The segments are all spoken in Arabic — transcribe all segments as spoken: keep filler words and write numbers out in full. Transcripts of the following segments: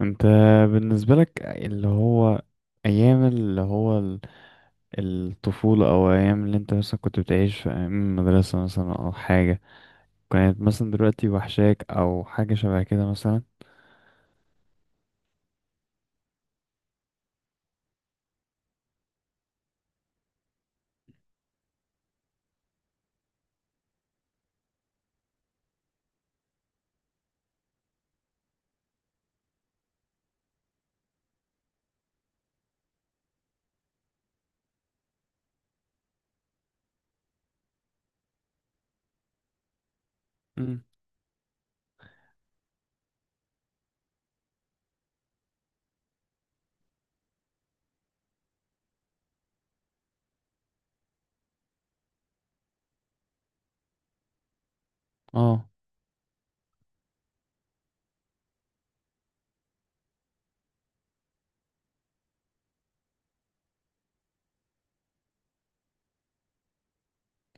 انت بالنسبة لك اللي هو ايام اللي هو ال- الطفولة او ايام اللي انت مثلا كنت بتعيش في ايام المدرسة مثلا او حاجة كانت مثلا دلوقتي وحشاك او حاجة شبه كده مثلا؟ امم اه،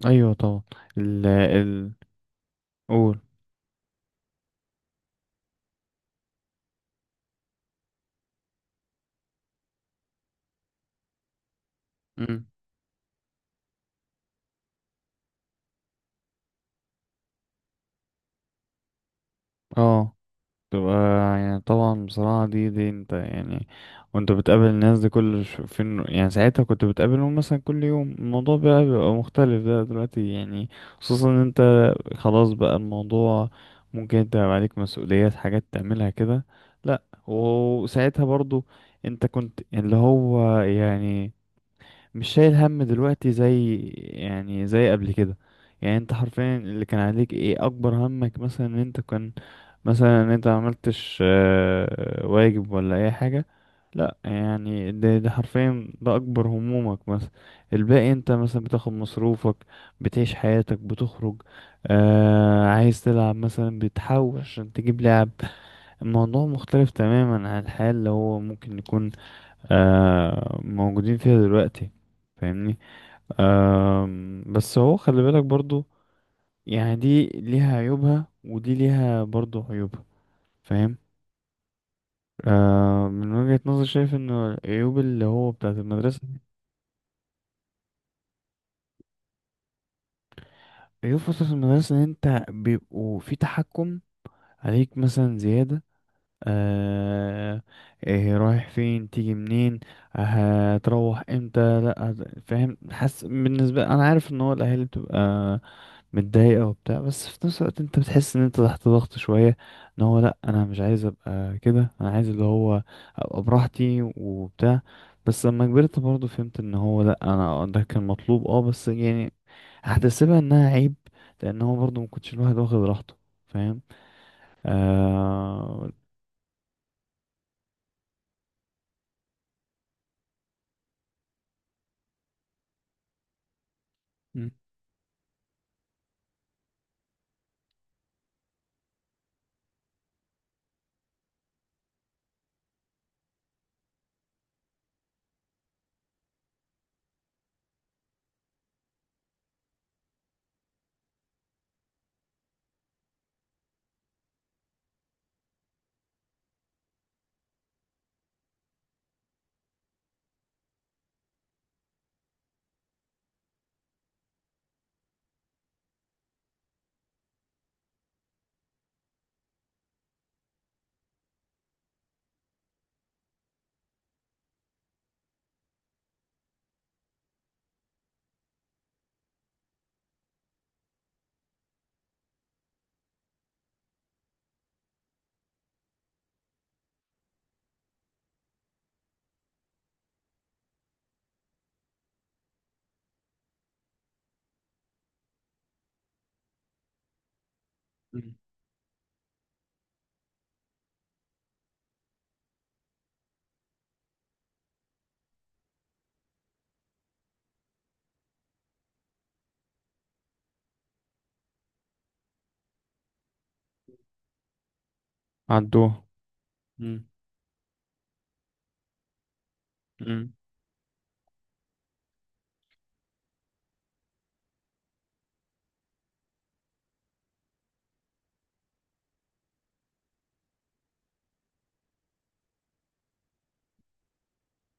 ايوه طبعا. ال ال قول. امم. اه، تبقى يعني طبعا بصراحة دي دي انت يعني وانت بتقابل الناس دي كل ش- فين، يعني ساعتها كنت بتقابلهم مثلا كل يوم، الموضوع بقى بيبقى مختلف ده دلوقتي يعني. خصوصا ان انت خلاص بقى الموضوع ممكن انت يبقى عليك مسؤوليات، حاجات تعملها كده. لا، وساعتها برضو انت كنت اللي هو يعني مش شايل هم دلوقتي زي يعني زي قبل كده. يعني انت حرفيا اللي كان عليك ايه، اكبر همك مثلا ان انت كان مثلا ان انت ما عملتش آه، واجب ولا اي حاجة. لا يعني ده, ده حرفيا ده اكبر همومك مثلا. الباقي انت مثلا بتاخد مصروفك، بتعيش حياتك، بتخرج، آه عايز تلعب مثلا بتحوش عشان تجيب لعب. الموضوع مختلف تماما عن الحياة اللي هو ممكن نكون آه موجودين فيها دلوقتي. فاهمني؟ آم، بس هو خلي بالك برضو يعني دي ليها عيوبها ودي ليها برضو عيوبها. فاهم؟ آه، من وجهة نظري شايف ان العيوب اللي هو بتاعة المدرسة، عيوب فترة المدرسة، ان انت بيبقوا في تحكم عليك مثلا زيادة. آه، إيه رايح فين، تيجي منين، هتروح امتى، لا هت- فاهم، حاسس بالنسبه انا عارف ان هو الاهالي بتبقى متضايقه وبتاع، بس في نفس الوقت انت بتحس ان انت تحت ضغط شويه. ان هو لا انا مش عايز ابقى كده، انا عايز اللي هو ابقى براحتي وبتاع. بس لما كبرت برضه فهمت ان هو لا انا ده كان مطلوب، اه بس يعني هحتسبها انها عيب، لان هو برضه ما كنتش الواحد واخد راحته. فاهم؟ آه. عدوه. مم. مم.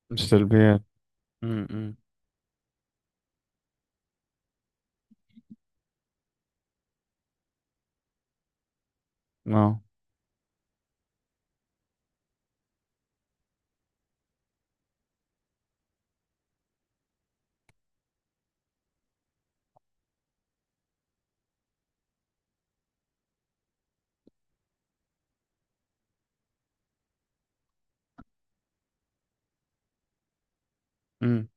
مش سلبيات. مم. مم. اه. مم.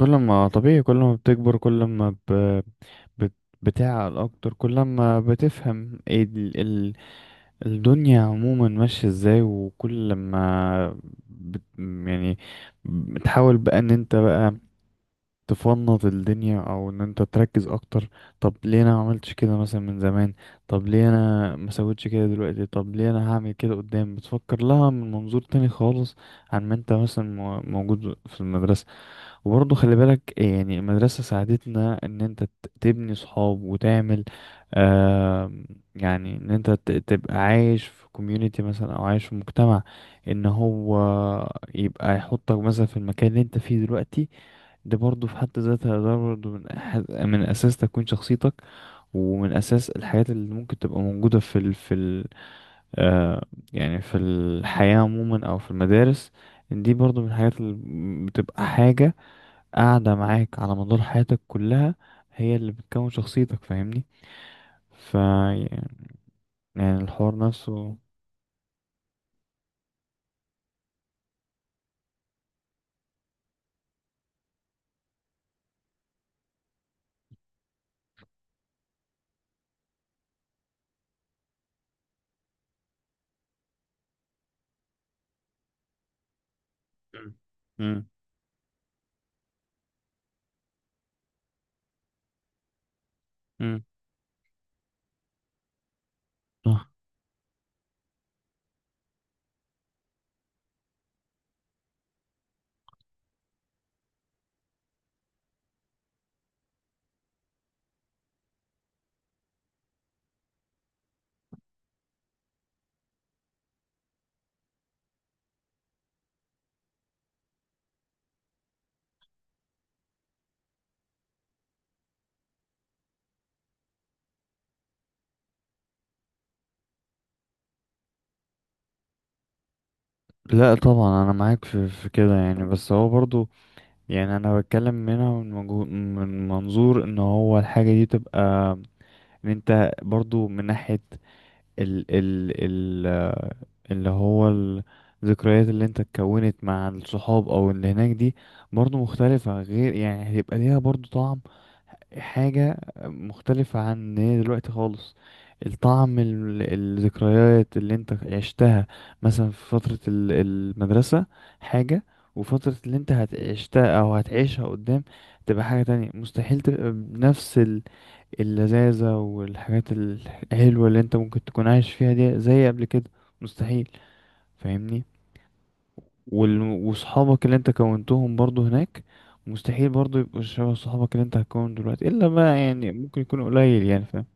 كل ما طبيعي، كل ما بتكبر، كل ما ب... بت... بتعقل اكتر، كل ما بتفهم إيه ال... ال... الدنيا عموما ماشية ازاي، وكل ما بت... يعني بتحاول بقى ان انت بقى تفنط الدنيا او ان انت تركز اكتر. طب ليه انا ما عملتش كده مثلا من زمان؟ طب ليه انا ما سويتش كده دلوقتي؟ طب ليه انا هعمل كده قدام؟ بتفكر لها من منظور تاني خالص عن ما انت مثلا مو- موجود في المدرسة. وبرضه خلي بالك يعني المدرسة ساعدتنا إن أنت ت- تبني صحاب وتعمل آه، يعني إن أنت ت- تبقى عايش في كوميونيتي مثلا أو عايش في مجتمع، إن هو يبقى يحطك مثلا في المكان اللي أنت فيه دلوقتي. ده برضه في حد ذاتها ده برضه من أحد من أساس تكوين شخصيتك، ومن أساس الحاجات اللي ممكن تبقى موجودة في ال في ال آه، يعني في الحياة عموما أو في المدارس. إن دي برضه من الحاجات اللي بتبقى حاجة قاعدة معاك على مدار حياتك كلها، هي اللي بتكون شخصيتك. فاهمني؟ ف يعني الحوار نفسه. مم. مم. مم. آه. لا طبعا انا معاك في, في كده يعني، بس هو برضو يعني انا بتكلم منها من، مجو... من منظور ان هو الحاجة دي تبقى ان انت برضو من ناحية ال ال ال آه، اللي هو الذكريات اللي انت اتكونت مع الصحاب او اللي هناك دي برضو مختلفة. غير يعني هيبقى ليها برضو طعم، حاجة مختلفة عن هي دلوقتي خالص. الطعم ال- الذكريات اللي انت عشتها مثلا في فترة ال- المدرسة حاجة، وفترة اللي انت هتعشتها او هتعيشها قدام تبقى حاجة تانية، مستحيل تبقى بنفس ال- اللذاذة والحاجات الحلوة اللي انت ممكن تكون عايش فيها دي زي قبل كده، مستحيل. فاهمني؟ وال- وصحابك اللي انت كونتهم برضو هناك مستحيل برضو يبقوا شبه صحابك اللي انت هتكون دلوقتي، الا بقى يعني ممكن يكون قليل يعني. فاهم؟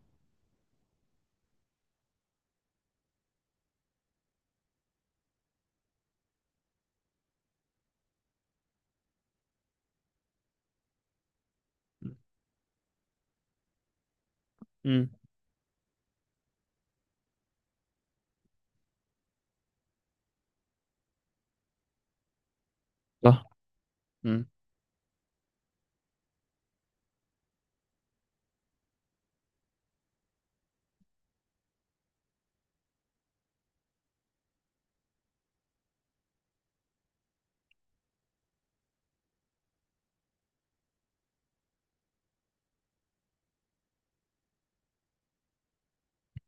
امم. صح. امم.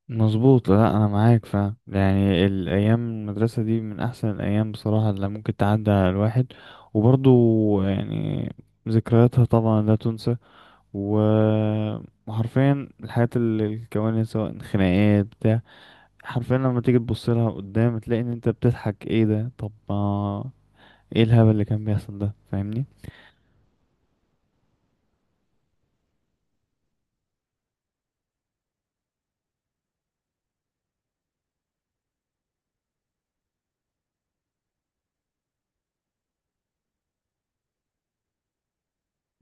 مظبوط، لا انا معاك فاهم يعني الايام المدرسه دي من احسن الايام بصراحه اللي ممكن تعدي على الواحد. وبرضو يعني ذكرياتها طبعا لا تنسى، و- وحرفيا الحاجات اللي الكوانيس سواء خناقات بتاع، حرفيا لما تيجي تبص لها قدام تلاقي ان انت بتضحك، ايه ده؟ طب ما ايه الهبل اللي كان بيحصل ده؟ فاهمني؟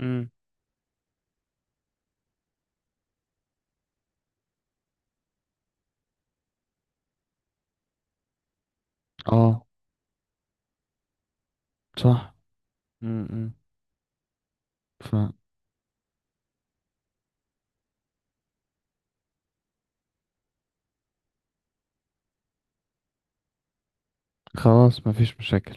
امم. اه صح. امم. ف خلاص مفيش مشاكل.